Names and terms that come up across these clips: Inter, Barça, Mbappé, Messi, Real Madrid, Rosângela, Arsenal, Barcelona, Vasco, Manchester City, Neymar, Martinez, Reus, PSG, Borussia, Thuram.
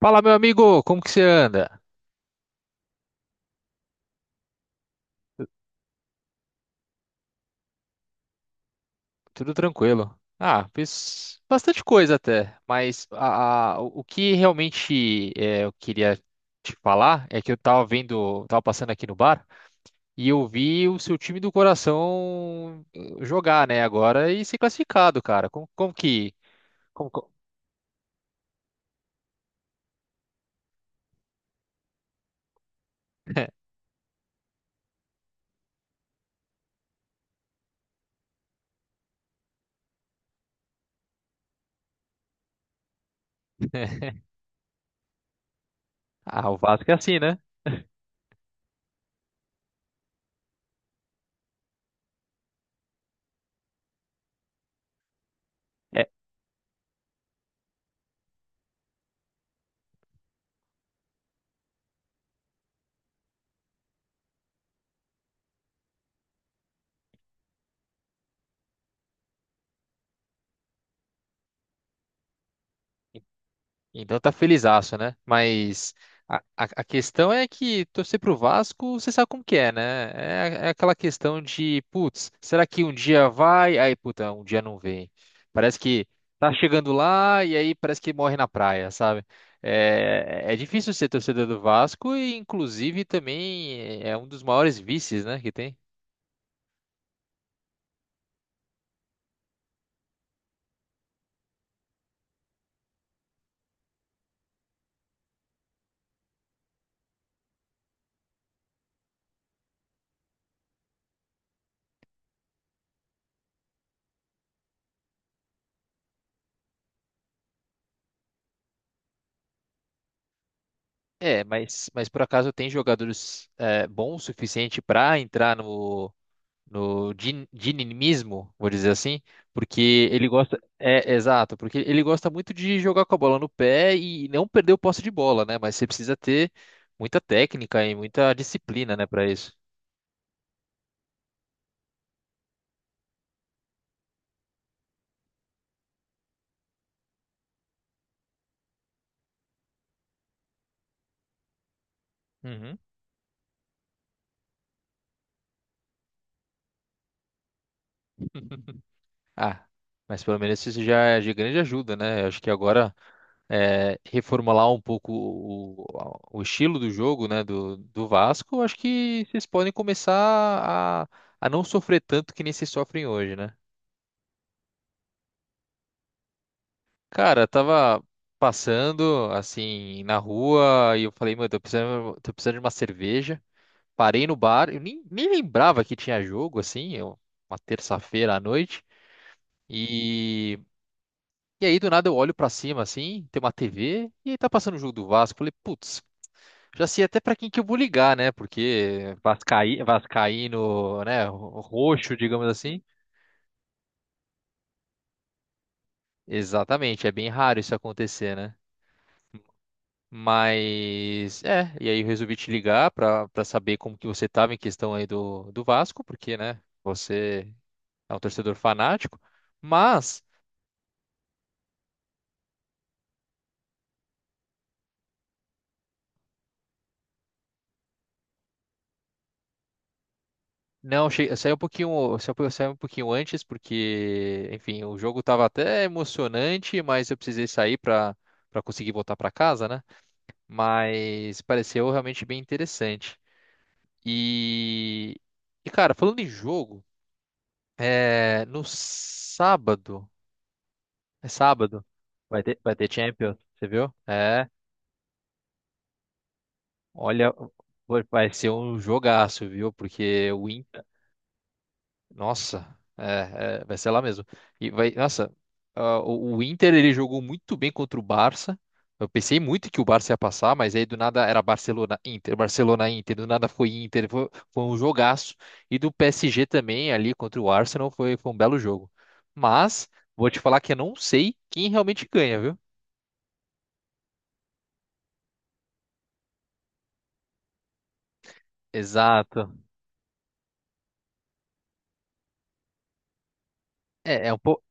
Fala, meu amigo, como que você anda? Tudo tranquilo? Ah, fiz bastante coisa até, mas o que realmente é, eu queria te falar é que eu tava vendo, tava passando aqui no bar e eu vi o seu time do coração jogar, né, agora e ser classificado, cara. Como, como que. como- co- Ah, o Vasco é assim, né? É. Então tá felizaço, né? Mas a questão é que torcer pro Vasco, você sabe como que é, né? É, é aquela questão de, putz, será que um dia vai? Aí, puta, um dia não vem. Parece que tá chegando lá e aí parece que morre na praia, sabe? É, é difícil ser torcedor do Vasco e, inclusive, também é um dos maiores vícios, né, que tem. É, mas por acaso tem jogadores bons o suficiente para entrar no dinimismo, vou dizer assim, porque ele gosta, é, exato, porque ele gosta muito de jogar com a bola no pé e não perder o posse de bola, né? Mas você precisa ter muita técnica e muita disciplina, né, para isso. Uhum. Ah, mas pelo menos isso já é de grande ajuda, né? Eu acho que agora reformular um pouco o estilo do jogo, né, do Vasco, eu acho que vocês podem começar a, a não sofrer tanto que nem vocês sofrem hoje, né? Cara, eu tava passando assim na rua e eu falei, mano, tô precisando de uma cerveja. Parei no bar, eu nem lembrava que tinha jogo assim, uma terça-feira à noite. E, e aí do nada eu olho pra cima assim, tem uma TV e aí tá passando o jogo do Vasco. Falei, putz, já sei até pra quem que eu vou ligar, né? Porque Vascaíno, né, roxo, digamos assim. Exatamente, é bem raro isso acontecer, né? Mas é, e aí eu resolvi te ligar para para saber como que você estava em questão aí do Vasco, porque, né, você é um torcedor fanático, mas não, eu saí um pouquinho, eu saí um pouquinho antes porque, enfim, o jogo estava até emocionante, mas eu precisei sair para para conseguir voltar para casa, né? Mas pareceu realmente bem interessante. E e cara, falando em jogo, é, no sábado. É sábado. Vai ter Champions, você viu? É. Olha, vai ser um jogaço, viu? Porque o Inter. Nossa, é, vai ser lá mesmo. E vai, nossa, ah, o Inter ele jogou muito bem contra o Barça. Eu pensei muito que o Barça ia passar, mas aí do nada era Barcelona, Inter, Barcelona, Inter, do nada foi Inter, foi um jogaço. E do PSG também ali contra o Arsenal foi um belo jogo. Mas vou te falar que eu não sei quem realmente ganha, viu? Exato. É, é um pouco.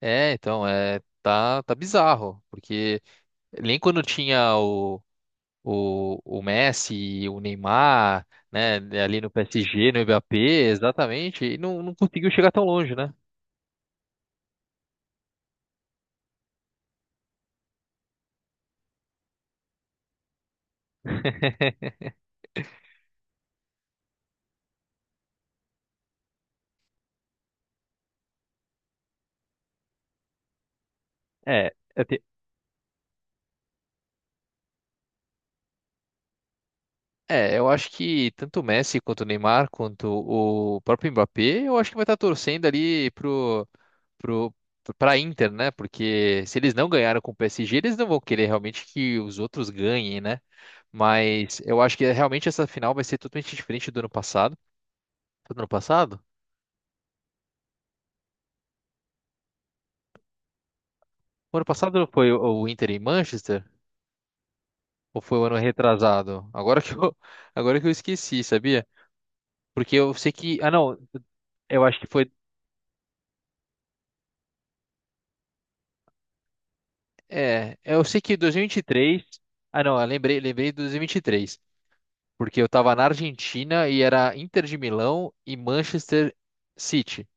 É, então, tá bizarro, porque nem quando tinha o Messi e o Neymar, né, ali no PSG, no Mbappé, exatamente, e não, não conseguiu chegar tão longe, né? É. É, eu acho que tanto o Messi quanto o Neymar, quanto o próprio Mbappé, eu acho que vai estar torcendo pro, pra Inter, né? Porque se eles não ganharam com o PSG, eles não vão querer realmente que os outros ganhem, né? Mas eu acho que realmente essa final vai ser totalmente diferente do ano passado. Foi do ano passado? O ano passado foi o Inter em Manchester? Ou foi o ano retrasado? Agora que eu, agora que eu esqueci, sabia? Porque eu sei que. Ah, não. Eu acho que foi. É, é, eu sei que 2023. Ah, não, lembrei de 2023, porque eu tava na Argentina e era Inter de Milão e Manchester City,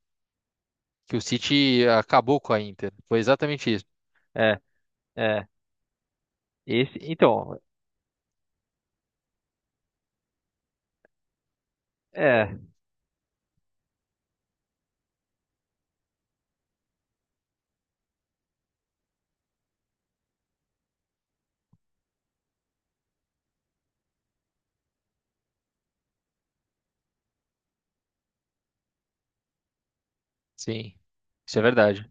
que o City acabou com a Inter. Foi exatamente isso. É, é. Esse, então, é, sim. Isso é verdade.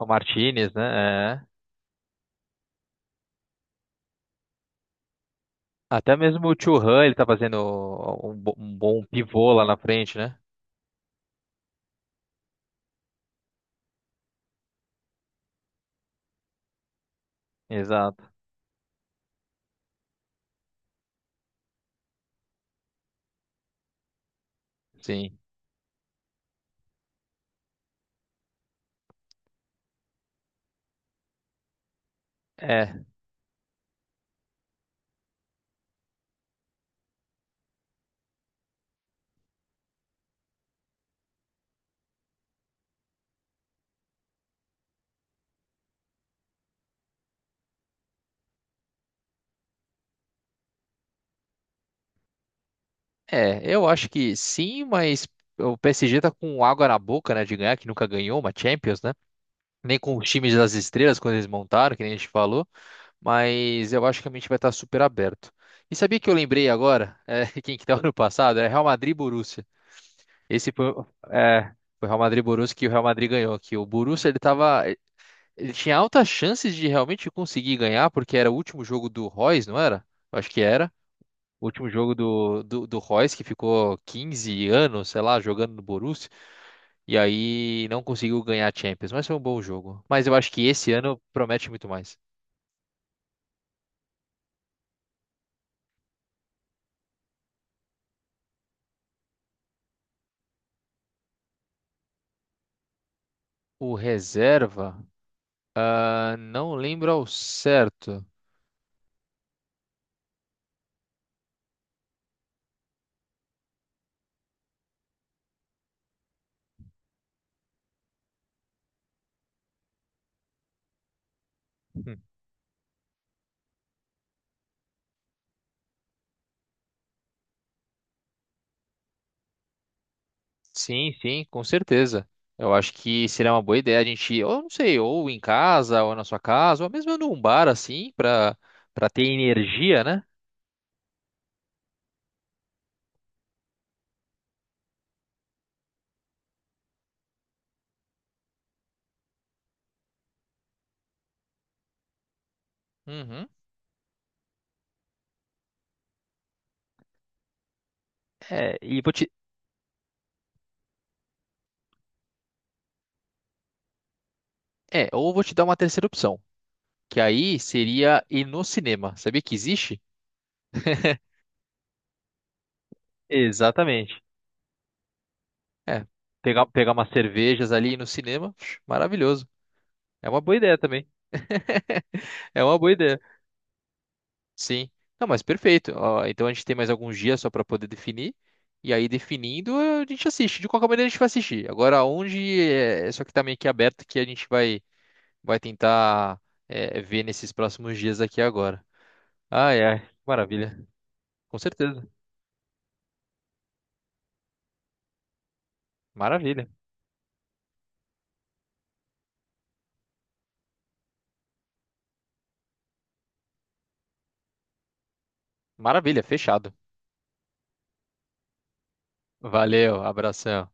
O Martinez, né? É. Até mesmo o Thuram, ele tá fazendo um bom pivô lá na frente, né? Exato. Sim. É. É, eu acho que sim, mas o PSG tá com água na boca, né, de ganhar, que nunca ganhou uma Champions, né? Nem com os times das estrelas, quando eles montaram, que nem a gente falou, mas eu acho que a mente vai estar super aberto. E sabia que eu lembrei agora, é, quem que tava no passado? É Real Madrid e Borussia. Esse foi, é, foi Real Madrid e Borussia que o Real Madrid ganhou, que o Borussia, ele tava, ele tinha altas chances de realmente conseguir ganhar, porque era o último jogo do Royce, não era? Eu acho que era o último jogo do Reus, que ficou 15 anos, sei lá, jogando no Borussia, e aí não conseguiu ganhar a Champions, mas foi um bom jogo. Mas eu acho que esse ano promete muito mais. O reserva, ah, não lembro ao certo. Hum. Sim, sim, com certeza. Eu acho que seria uma boa ideia a gente, ou não sei, ou em casa, ou na sua casa, ou mesmo num bar assim, pra, pra ter energia, né? Uhum. É, e vou te, ou vou te dar uma terceira opção. Que aí seria ir no cinema. Sabia que existe? Exatamente. É, pegar umas cervejas ali e ir no cinema, psh, maravilhoso. É uma boa ideia também. É uma boa ideia. Sim. Não, mas perfeito. Ó, então a gente tem mais alguns dias só para poder definir. E aí, definindo, a gente assiste. De qualquer maneira, a gente vai assistir. Agora, onde é só que tá meio que aberto que vai tentar é, ver nesses próximos dias aqui agora. Ai, ai, maravilha. Com certeza. Maravilha. Maravilha, fechado. Valeu, abração.